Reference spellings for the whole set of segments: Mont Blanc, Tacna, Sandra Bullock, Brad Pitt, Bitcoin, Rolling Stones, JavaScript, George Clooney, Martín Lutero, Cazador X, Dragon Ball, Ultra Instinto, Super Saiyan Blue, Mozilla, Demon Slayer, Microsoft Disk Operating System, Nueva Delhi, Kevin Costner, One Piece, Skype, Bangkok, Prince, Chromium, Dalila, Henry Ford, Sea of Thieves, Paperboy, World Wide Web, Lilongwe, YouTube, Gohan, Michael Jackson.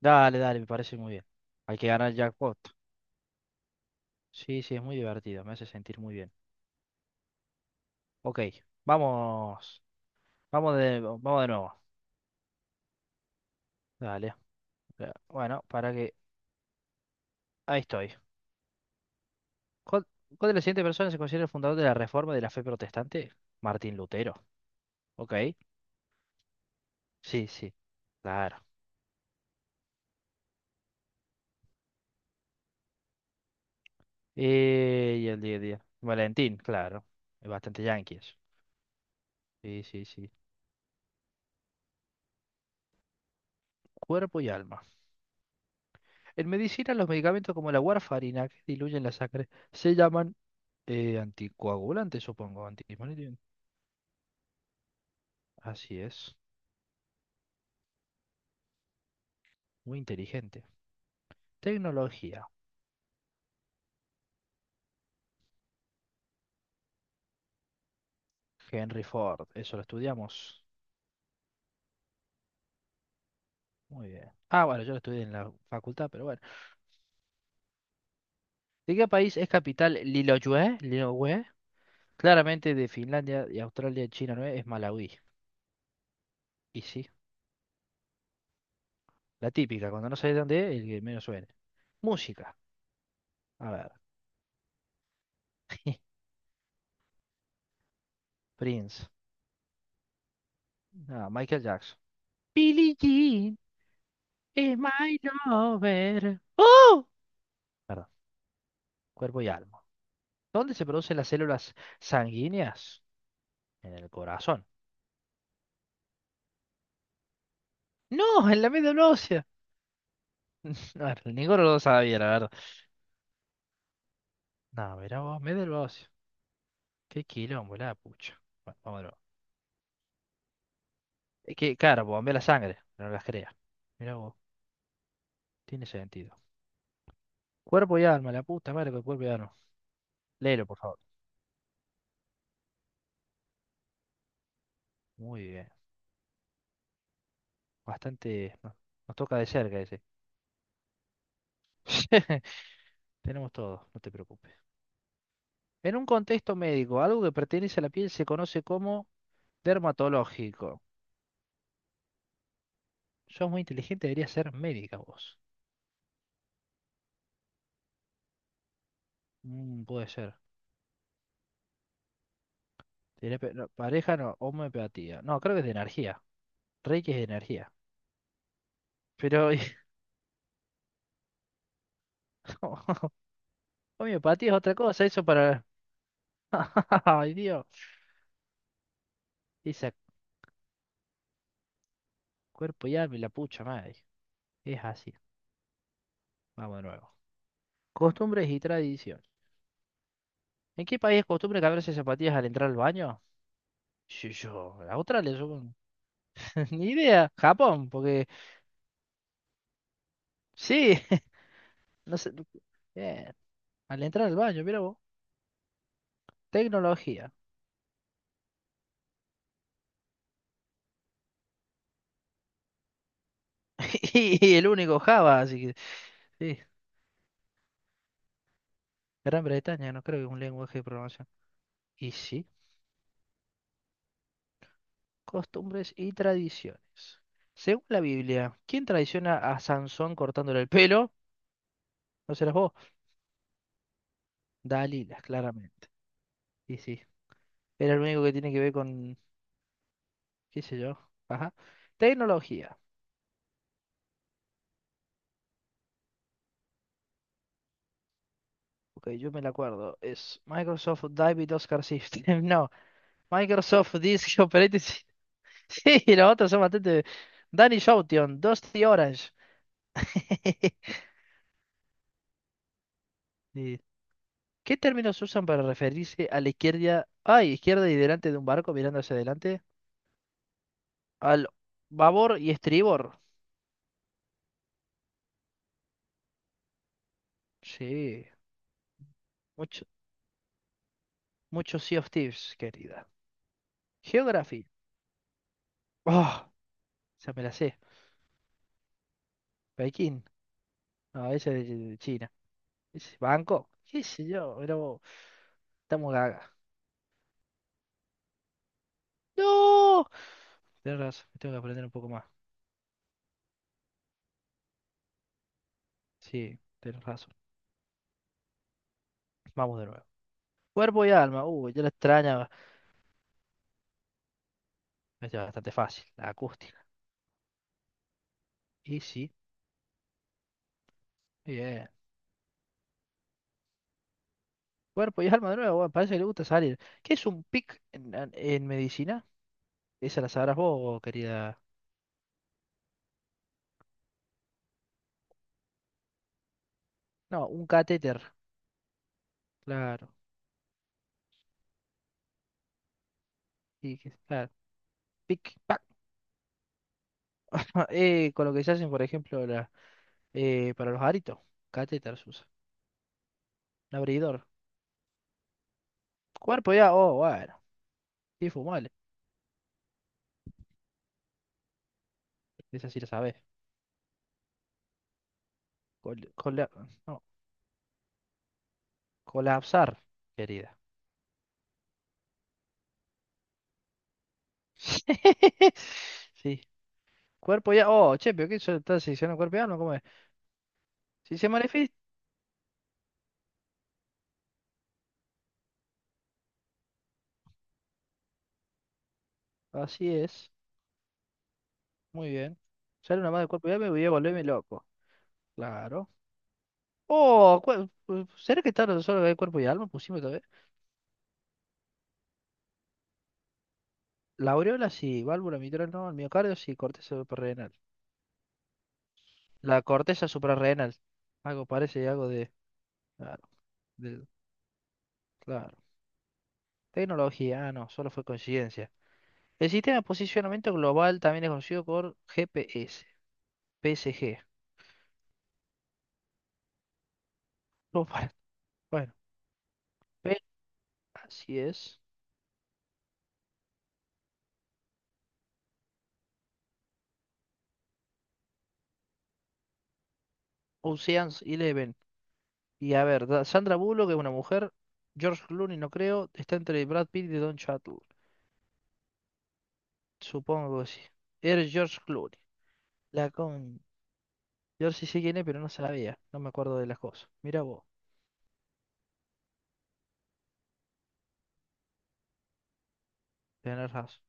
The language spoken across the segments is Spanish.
Dale, dale, me parece muy bien. Hay que ganar el jackpot. Sí, sí, es muy divertido, me hace sentir muy bien. Ok, vamos. Vamos de nuevo. Dale. Bueno, para que... Ahí estoy. ¿Cuál, cuál de las siguientes personas se considera el fundador de la Reforma de la Fe Protestante? Martín Lutero. Ok. Sí, sí. Claro. Y el día a día. Valentín, claro. Es bastante yanqui eso. Sí, sí, sí. Cuerpo y alma. En medicina, los medicamentos como la warfarina, que diluyen la sangre, se llaman. Anticoagulante, supongo, antihistamínico. Así es, muy inteligente. Tecnología. Henry Ford, eso lo estudiamos. Muy bien. Ah, bueno, yo lo estudié en la facultad, pero bueno. ¿De qué país es capital Lilongwe? Lilongwe. Claramente de Finlandia y Australia, China no es, es Malawi. Y sí, la típica, cuando no sabes dónde es, el que menos suene. Música, a ver. Prince. Ah, Michael Jackson. Billie Jean is my lover. ¡Oh! Perdón, cuerpo y alma. ¿Dónde se producen las células sanguíneas? En el corazón. No, en la médula ósea. No, ninguno lo sabía, la verdad. No, mirá vos, médula ósea. Qué quilombo, la pucha. Bueno, vamos de nuevo. Es que, claro, pues, bombea la sangre, no las crea. Mirá vos, tiene sentido. Cuerpo y alma, la puta madre con cuerpo y alma. Léelo, por favor. Muy bien. Bastante. Nos toca de cerca ese. Tenemos todo, no te preocupes. En un contexto médico, algo que pertenece a la piel se conoce como dermatológico. Sos muy inteligente, deberías ser médica vos. Puede ser. No, pareja no, homeopatía. No, creo que es de energía. Reiki es de energía. Pero y- homeopatía es otra cosa, eso para... Ay, Dios. Esa cuerpo y alma y la pucha madre. Es así. Vamos de nuevo. Costumbres y tradición. ¿En qué país es costumbre cambiarse zapatillas al entrar al baño? Sí, yo, a Australia, supongo. Ni idea. Japón, porque... Sí. No sé. Bien. Al entrar al baño, mira vos. Tecnología. Y el único Java, así que sí, Gran Bretaña no creo que es un lenguaje de programación. Y sí, costumbres y tradiciones. Según la Biblia, ¿quién traiciona a Sansón cortándole el pelo? No serás vos, Dalila, claramente. Y sí, era el único que tiene que ver con, qué sé yo, ajá. Tecnología. Ok, yo me la acuerdo. Es Microsoft David Oscar System. No, Microsoft Disk Operating System. Sí, los otros son bastante... Danny Shoution, Dusty Orange. Sí. ¿Qué términos usan para referirse a la izquierda, ay, izquierda y delante de un barco mirando hacia adelante? Al babor y estribor. Sí, mucho, mucho Sea of Thieves, querida. Geography. Oh, esa me la sé. Pekín. No, esa es de China. Ese es Bangkok. ¿Qué sé yo? Pero estamos gaga. ¡No! Tienes razón, tengo que aprender un poco más. Sí, tienes razón. Vamos de nuevo. Cuerpo y alma. Ya la extraña. Esta es bastante fácil. La acústica. Y sí, bien. Cuerpo y alma de nuevo, bueno, parece que le gusta salir. ¿Qué es un PIC en medicina? Esa la sabrás vos, querida. No, un catéter, claro. Claro. PIC, pac. Con lo que se hacen, por ejemplo, para los aritos. Catéter se usa. Un abridor. Cuerpo ya, oh, bueno. Infumable. Esa sí la sabés. Col- cola- no, colapsar, querida. Sí. Cuerpo ya, oh, che, pero ¿qué eso está seccionando cuerpo y alma? ¿Cómo es? Si se manifiesta, así es. Muy bien. Sale una más de cuerpo y alma y voy a volverme loco. Claro. Oh, ¿será que está solo de cuerpo y alma? Pusimos todavía. La aureola sí, válvula mitral no, el miocardio sí, corteza suprarrenal. La corteza suprarrenal. Algo parece algo de. Claro. de- claro. Tecnología, ah, no, solo fue coincidencia. El sistema de posicionamiento global también es conocido por GPS, PSG. Oh, bueno, bueno, P- así es. Ocean's Eleven. Y a ver, Sandra Bullock es una mujer. George Clooney no creo. Está entre Brad Pitt y Don Cheadle. Supongo que sí. Eres George Clooney. La con... George sí sé quién es, pero no sabía. No me acuerdo de las cosas. Mira vos. Tenés razón.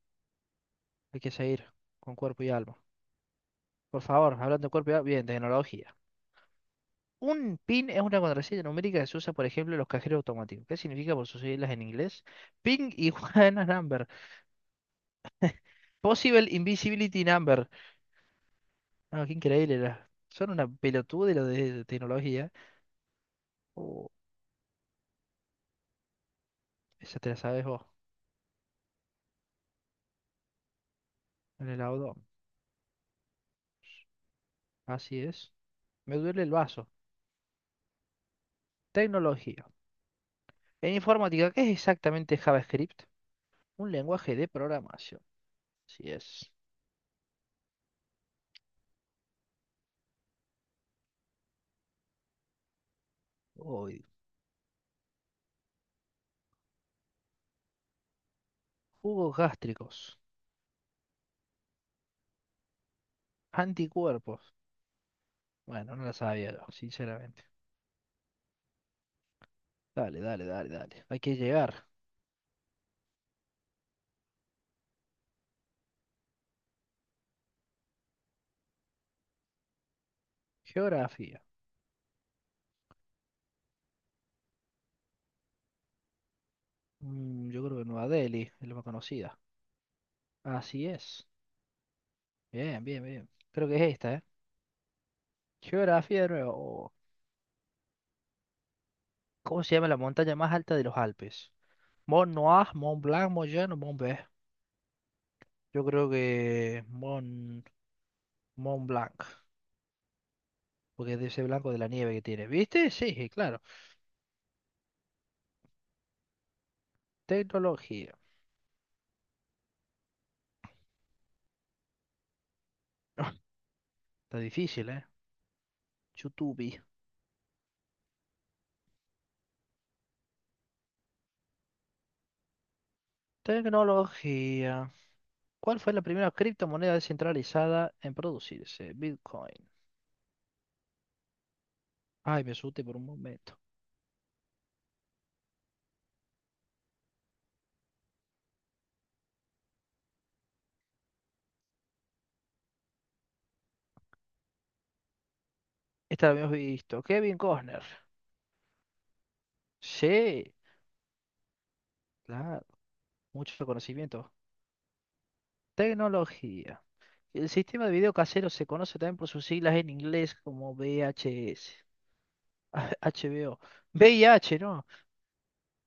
Hay que seguir con cuerpo y alma. Por favor, hablando de cuerpo y alma. Bien, tecnología. Un PIN es una contraseña numérica que se usa, por ejemplo, en los cajeros automáticos. ¿Qué significa por sus siglas en inglés? Ping y Juana Number. Possible Invisibility Number. Ah, qué increíble. Son una pelotuda de lo de tecnología. Uh, Esa te la sabes vos, en el abdomen. Así es. Me duele el vaso. Tecnología. En informática, ¿qué es exactamente JavaScript? Un lenguaje de programación. Así es. Uy. Jugos gástricos. Anticuerpos. Bueno, no la sabía yo, sinceramente. Dale, dale, dale, dale. Hay que llegar. Geografía. Yo creo que Nueva Delhi es la más conocida. Así es. Bien, bien, bien. Creo que es esta, ¿eh? Geografía de nuevo. Oh, ¿cómo se llama la montaña más alta de los Alpes? Mont Noir, Mont Blanc, Mont Jean o Mont Blanc. Yo creo que Mont Blanc, porque es de ese blanco de la nieve que tiene. ¿Viste? Sí, claro. Tecnología. Está difícil, ¿eh? YouTube. Tecnología. ¿Cuál fue la primera criptomoneda descentralizada en producirse? Bitcoin. Ay, me asusté por un momento. Esta la habíamos visto. Kevin Costner. Sí, claro. Mucho conocimiento. Tecnología. El sistema de video casero se conoce también por sus siglas en inglés como VHS. Ah, HBO. H, ¿no?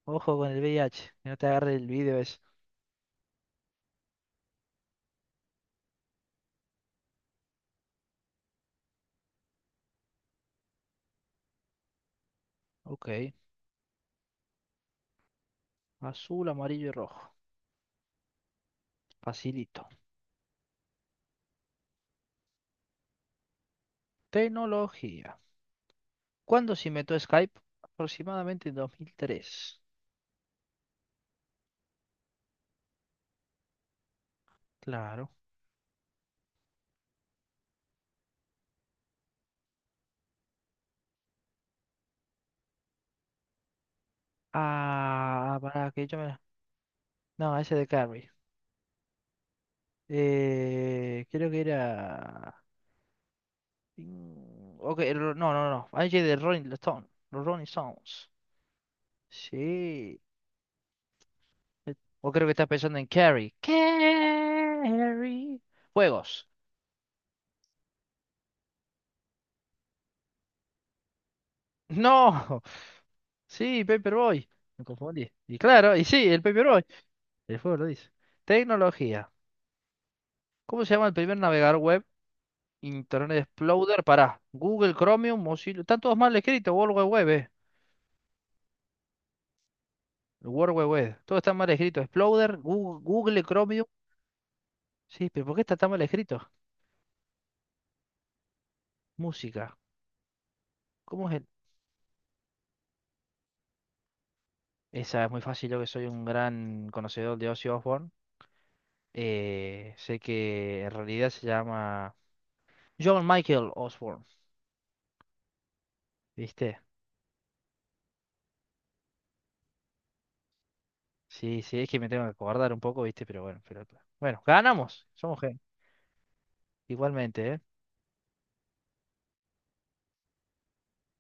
Ojo con el VIH, que no te agarre el video ese. Ok. Azul, amarillo y rojo. Facilito. Tecnología. ¿Cuándo se inventó Skype? Aproximadamente en 2003. Claro. Ah, para que yo me... No, ese de Carrie. Creo que era... Mm, Ok, no, no, no. Hay de Rolling Stone. Los Rolling Stones. Sí. O creo que estás pensando en Carrie. Carrie. Juegos. No. Sí, Paperboy. Me confundí. Y claro, y sí, el Paperboy. El juego lo dice. Tecnología. ¿Cómo se llama el primer navegador web? Internet Explorer. Pará. Google, Chromium, Mozilla. Están todos mal escritos. World Wide Web, eh. El World Wide Web. Todo está mal escrito. Explorer, Google, Google, Chromium. Sí, pero ¿por qué está tan mal escrito? Música. ¿Cómo es el...? Esa es muy fácil, yo que soy un gran conocedor de Ozzy Osbourne. Sé que en realidad se llama John Michael Osborne, ¿viste? Sí, sí, es que me tengo que acordar un poco, ¿viste? Pero, bueno, ganamos, somos gente. Igualmente, ¿eh?